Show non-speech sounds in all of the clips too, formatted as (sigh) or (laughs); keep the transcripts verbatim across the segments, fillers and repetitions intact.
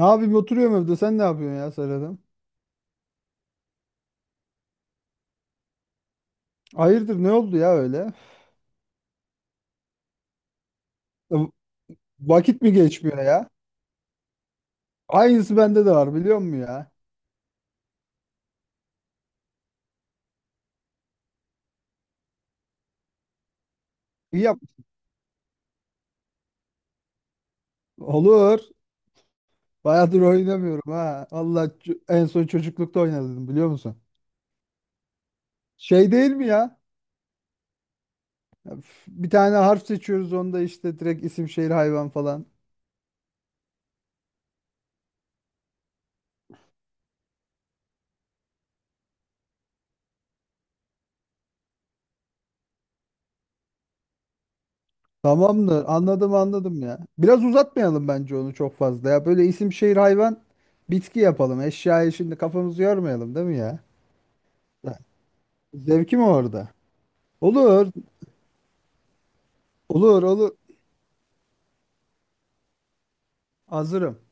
Abim oturuyorum evde. Sen ne yapıyorsun ya Serhat'ım? Hayırdır ne oldu ya öyle? V- Vakit mi geçmiyor ya? Aynısı bende de var biliyor musun ya? İyi yap. Olur. Bayağıdır oynamıyorum ha. Allah en son çocuklukta oynadım biliyor musun? Şey değil mi ya? Üf, bir tane harf seçiyoruz onda işte direkt isim şehir hayvan falan. Tamamdır, anladım anladım ya. Biraz uzatmayalım bence onu çok fazla ya. Böyle isim şehir hayvan bitki yapalım. Eşyayı şimdi kafamızı yormayalım değil mi ya? Ya, zevki mi orada? Olur, olur, olur. Hazırım.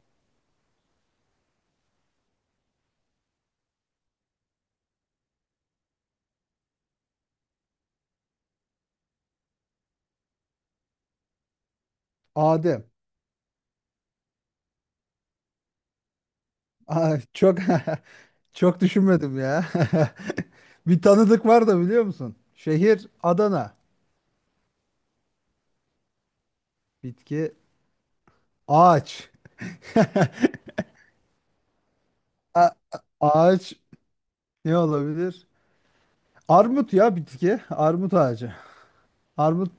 Adem. Ay, çok (laughs) çok düşünmedim ya. (laughs) Bir tanıdık var da biliyor musun? Şehir Adana. Bitki ağaç. (laughs) A- ağaç ne olabilir? Armut ya bitki. Armut ağacı. Armut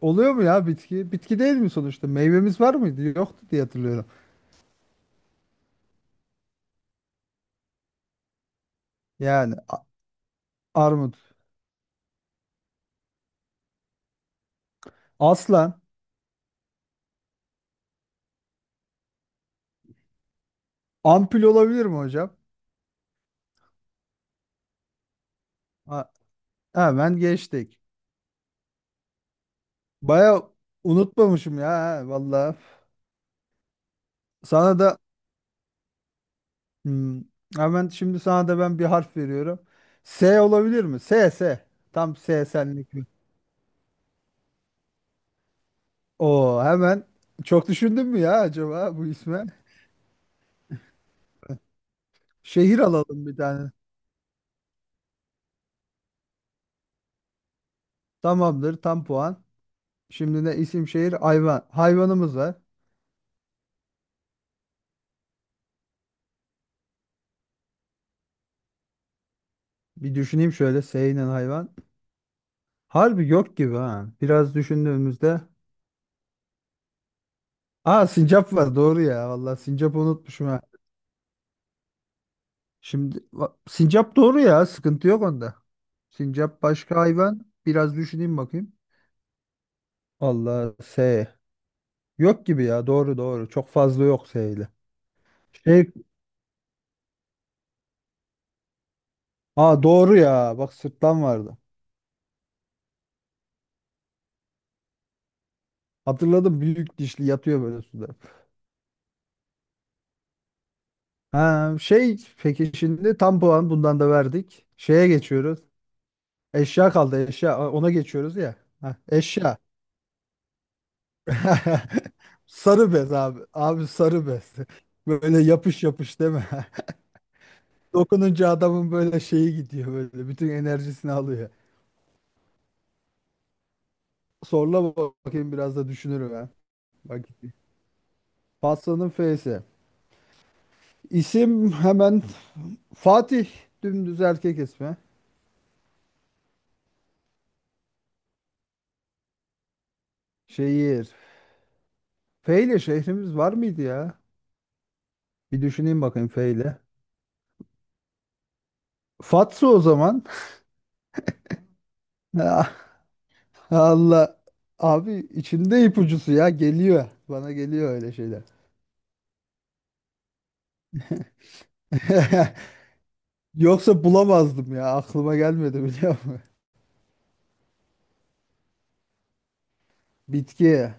oluyor mu ya bitki? Bitki değil mi sonuçta? Meyvemiz var mıydı? Yoktu diye hatırlıyorum. Yani a- armut. Aslan. Ampul olabilir mi hocam? Ha, hemen geçtik. Baya unutmamışım ya ha, vallahi. Sana da hmm, hemen şimdi sana da ben bir harf veriyorum. S olabilir mi? S S. Tam S senlik mi? Oo, hemen çok düşündün mü ya acaba bu isme? Şehir alalım bir tane. Tamamdır, tam puan. Şimdi ne, isim şehir hayvan. Hayvanımız var. Bir düşüneyim şöyle S ile hayvan. Harbi yok gibi ha. Biraz düşündüğümüzde. Aa, sincap var doğru ya. Vallahi sincapı unutmuşum. Şimdi va- sincap doğru ya, sıkıntı yok onda. Sincap, başka hayvan. Biraz düşüneyim bakayım. Allah S. Yok gibi ya, doğru doğru. Çok fazla yok S ile. Şey, aa doğru ya. Bak, sırtlan vardı. Hatırladım, büyük dişli yatıyor böyle suda. Ha, şey, peki şimdi tam puan bundan da verdik. Şeye geçiyoruz. Eşya kaldı, eşya. Aa, ona geçiyoruz ya. Ha, eşya. (laughs) Sarı bez abi. Abi, sarı bez. Böyle yapış yapış değil mi? (laughs) Dokununca adamın böyle şeyi gidiyor böyle. Bütün enerjisini alıyor. Sorla bakayım, biraz da düşünürüm ha. Bak gitti. Pastanın F'si. İsim, hemen Fatih. Dümdüz erkek ismi. Şehir. F ile şehrimiz var mıydı ya? Bir düşüneyim bakayım F ile. Fatsa o zaman. (laughs) Ah, Allah. Abi, içinde ipucusu ya geliyor. Bana geliyor öyle şeyler. (laughs) Yoksa bulamazdım ya. Aklıma gelmedi biliyor musun? Bitki.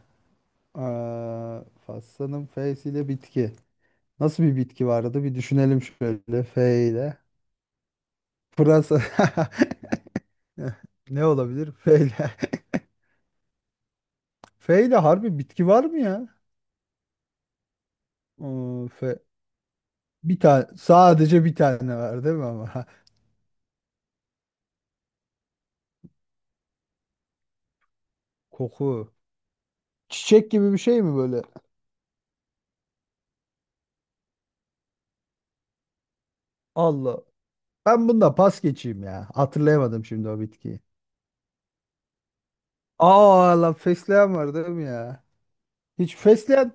Aa, Fassa'nın F'si ile bitki. Nasıl bir bitki vardı? Bir düşünelim şöyle F ile. Pırasa. (laughs) Ne olabilir F ile? (laughs) F ile harbi bitki var mı ya? Aa, F. Bir tane, sadece bir tane var değil mi ama? (laughs) Koku. Çiçek gibi bir şey mi böyle? Allah. Ben bunda pas geçeyim ya. Hatırlayamadım şimdi o bitkiyi. Aa lan, fesleğen var değil mi ya? Hiç fesleğen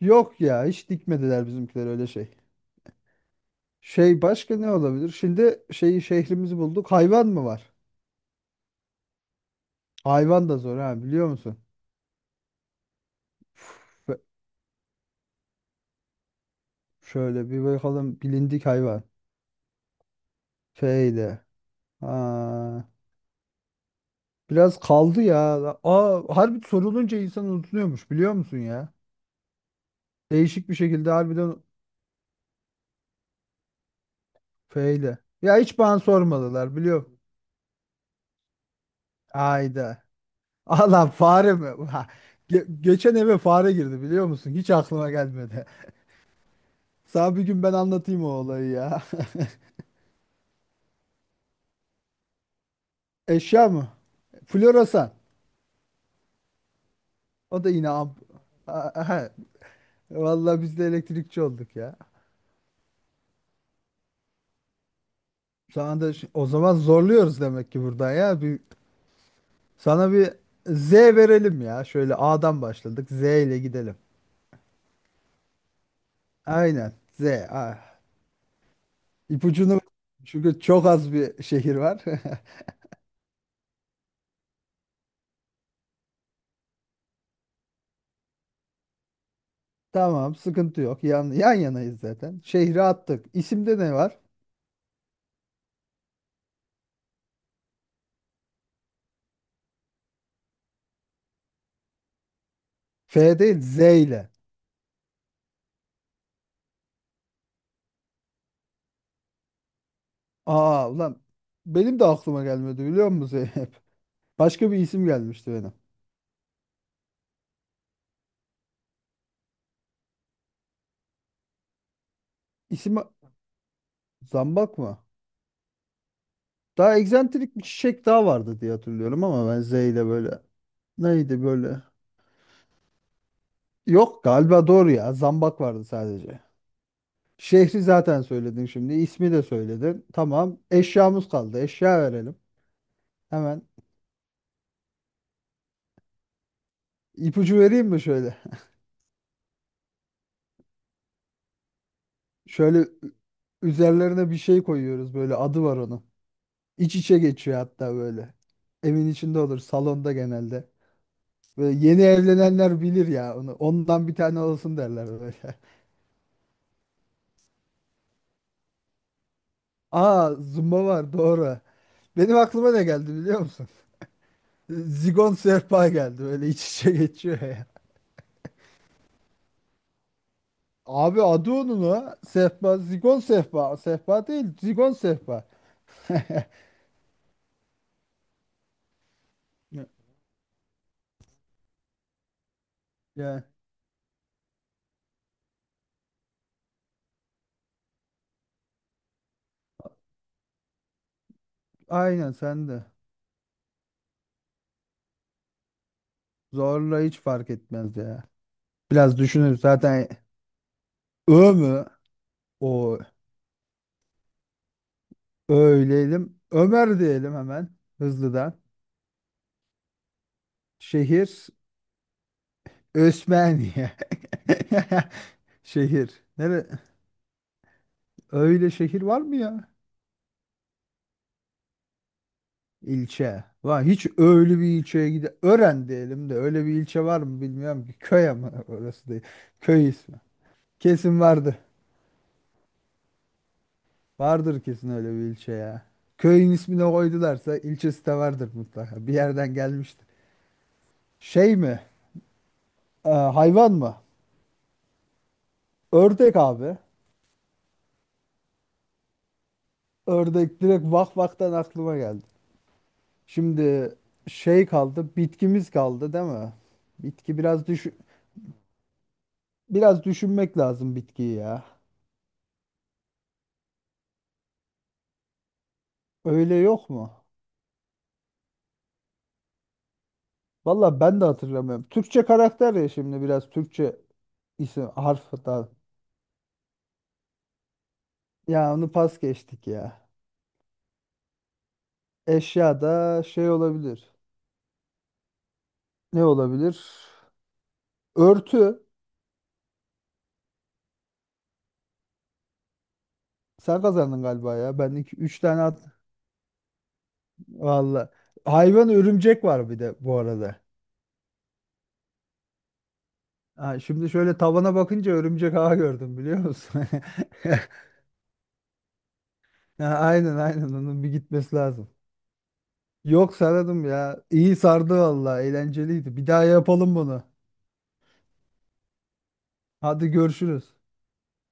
yok ya. Hiç dikmediler bizimkiler öyle şey. Şey, başka ne olabilir? Şimdi şeyi, şehrimizi bulduk. Hayvan mı var? Hayvan da zor ha, biliyor musun? Üf, be- şöyle bir bakalım, bilindik hayvan. Şeyde. Ha, biraz kaldı ya. Aa, harbi sorulunca insan unutuluyormuş biliyor musun ya? Değişik bir şekilde, harbiden feyle. Ya hiç bana sormadılar biliyor musun? Ayda. Allah, (laughs) fare mi? Ha, ge- geçen eve fare girdi biliyor musun? Hiç aklıma gelmedi. (laughs) Sana bir gün ben anlatayım o olayı ya. Eşya mı? Floresan. O da yine amp. Aha. Vallahi biz de elektrikçi olduk ya. Sana da şi- o zaman zorluyoruz demek ki buradan ya. Bir, sana bir Z verelim ya. Şöyle A'dan başladık, Z ile gidelim. Aynen. Z. Ah. İpucunu, çünkü çok az bir şehir var. (laughs) Tamam, sıkıntı yok. Yan, yan yanayız zaten. Şehri attık. İsimde ne var? F değil, Z ile. Aa ulan, benim de aklıma gelmedi biliyor musun? (laughs) Başka bir isim gelmişti benim. İsmi zambak mı? Daha egzantrik bir çiçek daha vardı diye hatırlıyorum ama, ben Z ile böyle. Neydi böyle? Yok galiba, doğru ya. Zambak vardı sadece. Şehri zaten söyledin şimdi. İsmi de söyledin. Tamam. Eşyamız kaldı. Eşya verelim. Hemen ipucu vereyim mi şöyle? (laughs) Şöyle ü- üzerlerine bir şey koyuyoruz, böyle adı var onun. İç içe geçiyor hatta böyle. Evin içinde olur, salonda genelde. Böyle yeni evlenenler bilir ya onu. Ondan bir tane olsun derler böyle. (laughs) Aa, zumba var doğru. Benim aklıma ne geldi biliyor musun? Zigon sehpa geldi, böyle iç içe geçiyor ya. Abi adı onun o. Sehpa, zigon sehpa. Sehpa değil, zigon sehpa. Ya, ya, aynen sen de. Zorla, hiç fark etmez ya. Biraz düşünürüz zaten. Ö mü? O, öyleyelim. Ömer diyelim hemen, hızlıdan. Şehir Osmaniye. (laughs) Şehir. Nere? Öyle şehir var mı ya? İlçe. Var. Hiç öyle bir ilçeye gide. Ören diyelim de, öyle bir ilçe var mı bilmiyorum ki. Köy ama (laughs) orası değil. Köy ismi. Kesin vardı. Vardır kesin öyle bir ilçe ya. Köyün ismini koydularsa ilçesi de vardır mutlaka. Bir yerden gelmiştir. Şey mi? Ee, hayvan mı? Ördek abi. Ördek direkt vak vaktan aklıma geldi. Şimdi şey kaldı. Bitkimiz kaldı değil mi? Bitki biraz düş Biraz düşünmek lazım bitkiyi ya. Öyle yok mu? Valla ben de hatırlamıyorum. Türkçe karakter ya şimdi, biraz Türkçe isim harf da. Ya onu pas geçtik ya. Eşya da şey olabilir. Ne olabilir? Örtü. Sen kazandın galiba ya. Ben iki, üç tane at. Valla. Hayvan örümcek var bir de bu arada. Ha, şimdi şöyle tavana bakınca örümcek ağı gördüm biliyor musun? (laughs) Ha, aynen aynen, onun bir gitmesi lazım. Yok, sararım ya. İyi sardı valla. Eğlenceliydi. Bir daha yapalım bunu. Hadi görüşürüz.